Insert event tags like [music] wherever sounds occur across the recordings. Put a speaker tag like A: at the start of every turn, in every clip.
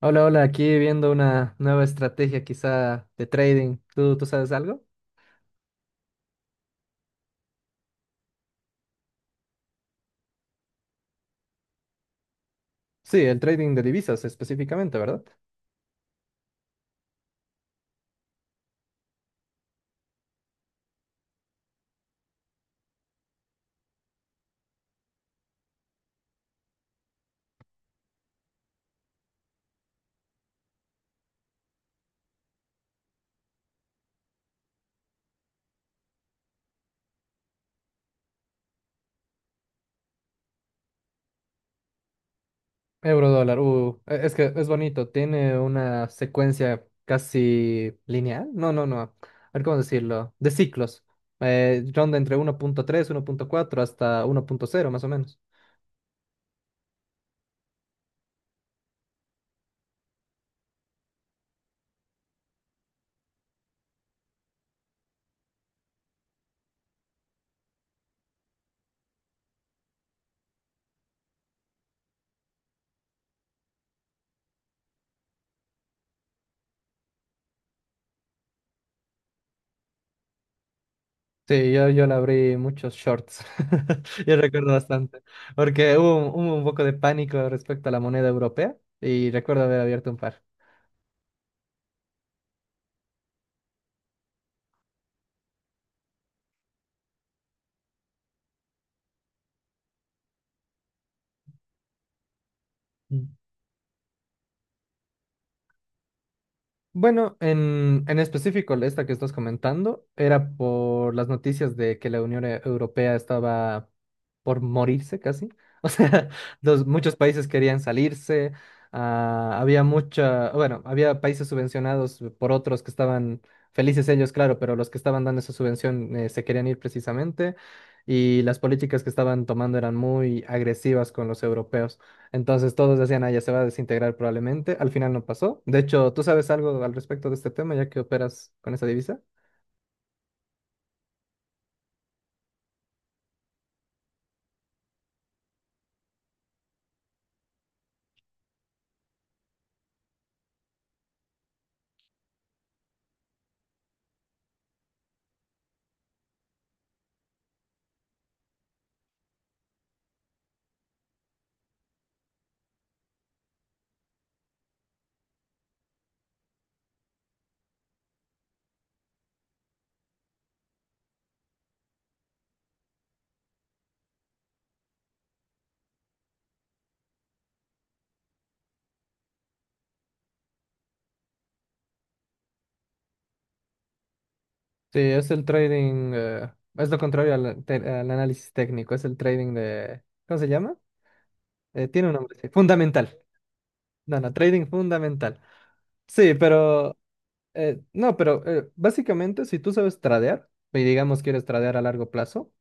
A: Hola, hola, aquí viendo una nueva estrategia quizá de trading. ¿¿Tú sabes algo? Sí, el trading de divisas específicamente, ¿verdad? Euro dólar, es que es bonito, tiene una secuencia casi lineal. No, no, no. A ver cómo decirlo. De ciclos. Ronda entre 1,3, 1,4 hasta 1,0 más o menos. Sí, yo le abrí muchos shorts. [laughs] Yo recuerdo bastante. Porque hubo un poco de pánico respecto a la moneda europea y recuerdo haber abierto un par. Bueno, en específico, esta que estás comentando era por las noticias de que la Unión Europea estaba por morirse casi. [laughs] O sea, los, muchos países querían salirse. Ah, había mucha, bueno, había países subvencionados por otros que estaban felices ellos, claro, pero los que estaban dando esa subvención se querían ir precisamente. Y las políticas que estaban tomando eran muy agresivas con los europeos. Entonces todos decían, ah, ya se va a desintegrar probablemente. Al final no pasó. De hecho, ¿tú sabes algo al respecto de este tema ya que operas con esa divisa? Sí, es el trading, es lo contrario al análisis técnico, es el trading de, ¿cómo se llama? Tiene un nombre, sí, fundamental. No, no, trading fundamental. Sí, pero, no, pero básicamente si tú sabes tradear, y digamos quieres tradear a largo plazo,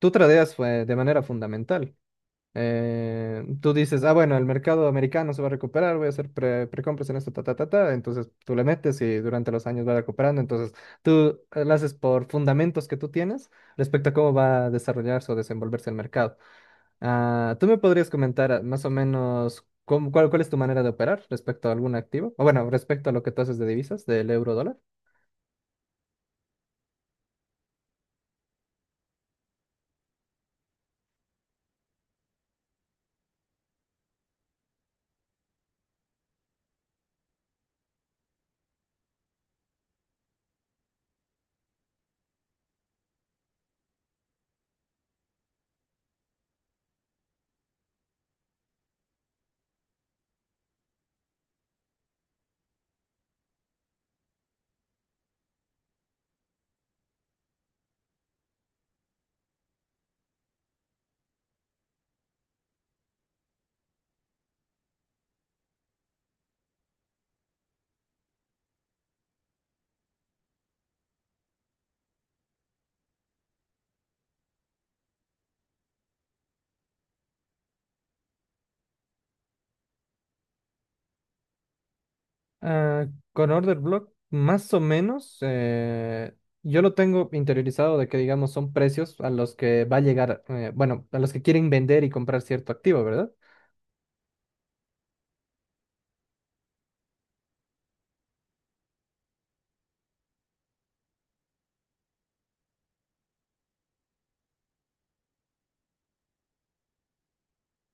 A: tú tradeas de manera fundamental. Tú dices, ah, bueno, el mercado americano se va a recuperar, voy a hacer precompras en esto, ta, ta, ta, ta. Entonces tú le metes y durante los años va recuperando. Entonces tú lo haces por fundamentos que tú tienes respecto a cómo va a desarrollarse o desenvolverse el mercado. Ah, ¿tú me podrías comentar ah, más o menos cuál, cuál es tu manera de operar respecto a algún activo? O bueno, respecto a lo que tú haces de divisas, del euro dólar. Ah, con Order Block, más o menos, yo lo tengo interiorizado de que, digamos, son precios a los que va a llegar, bueno, a los que quieren vender y comprar cierto activo, ¿verdad?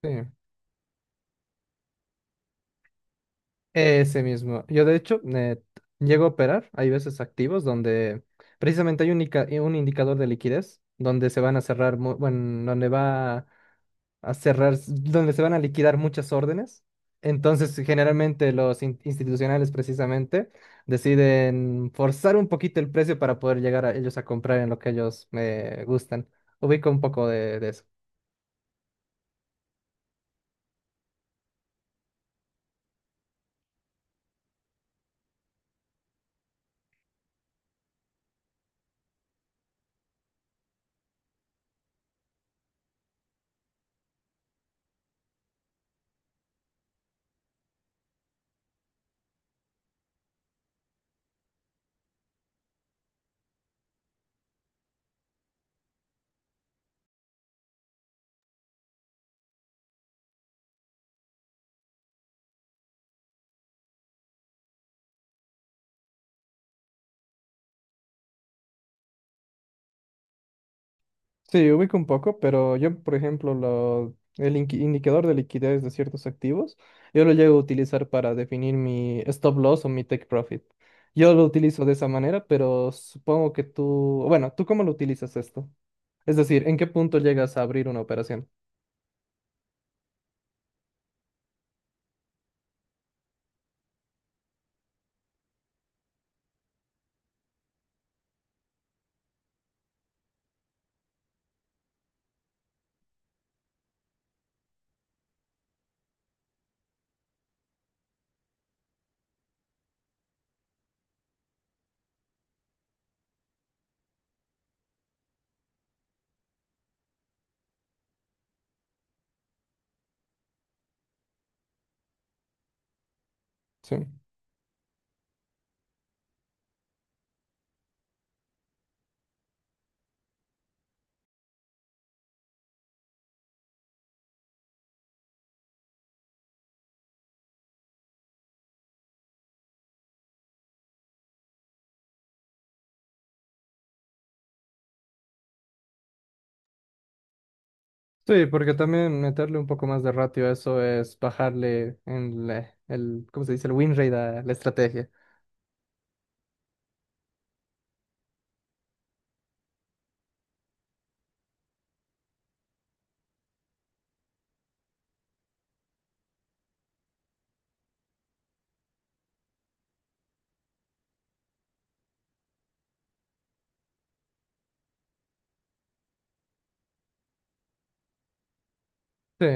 A: Sí. Ese mismo. Yo, de hecho, llego a operar, hay veces activos donde precisamente hay un indicador de liquidez, donde se van a cerrar, bueno, donde va a cerrar, donde se van a liquidar muchas órdenes. Entonces, generalmente los institucionales precisamente deciden forzar un poquito el precio para poder llegar a ellos a comprar en lo que ellos me gustan. Ubico un poco de eso. Sí, ubico un poco, pero yo, por ejemplo, el indicador de liquidez de ciertos activos, yo lo llego a utilizar para definir mi stop loss o mi take profit. Yo lo utilizo de esa manera, pero supongo que tú, bueno, ¿tú cómo lo utilizas esto? Es decir, ¿en qué punto llegas a abrir una operación? Sí. Sí, porque también meterle un poco más de ratio a eso es bajarle en el, ¿cómo se dice? El win rate a la estrategia. Sí.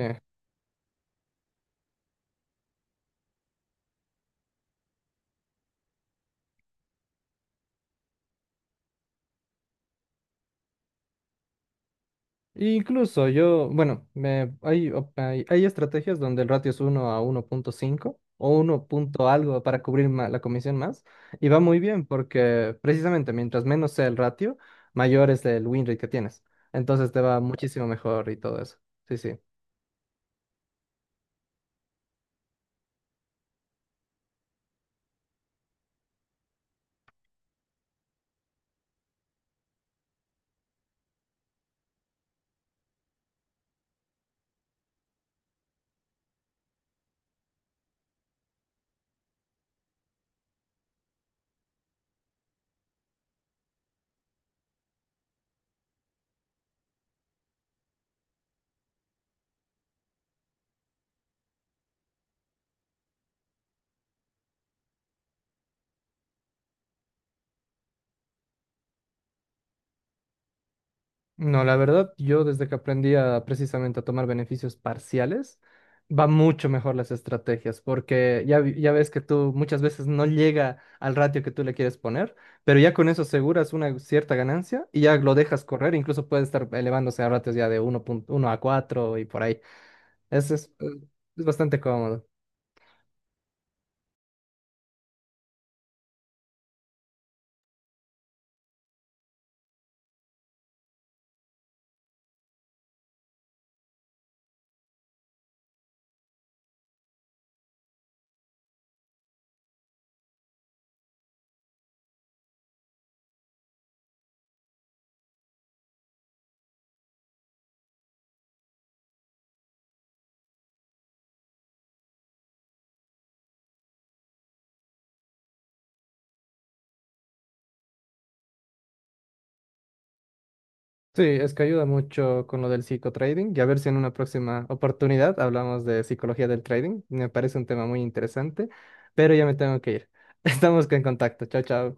A: Incluso yo, bueno, me, hay, hay estrategias donde el ratio es 1 a 1,5 o 1, algo para cubrir la comisión más. Y va muy bien porque precisamente mientras menos sea el ratio, mayor es el win rate que tienes. Entonces te va muchísimo mejor y todo eso. Sí, sí. No, la verdad, yo desde que aprendí a, precisamente a tomar beneficios parciales, va mucho mejor las estrategias, porque ya, ya ves que tú muchas veces no llega al ratio que tú le quieres poner, pero ya con eso aseguras una cierta ganancia y ya lo dejas correr, incluso puede estar elevándose a ratios ya de 1,1 a 4 y por ahí. Eso es bastante cómodo. Sí, es que ayuda mucho con lo del psicotrading y a ver si en una próxima oportunidad hablamos de psicología del trading. Me parece un tema muy interesante, pero ya me tengo que ir. [laughs] Estamos en contacto. Chao, chao.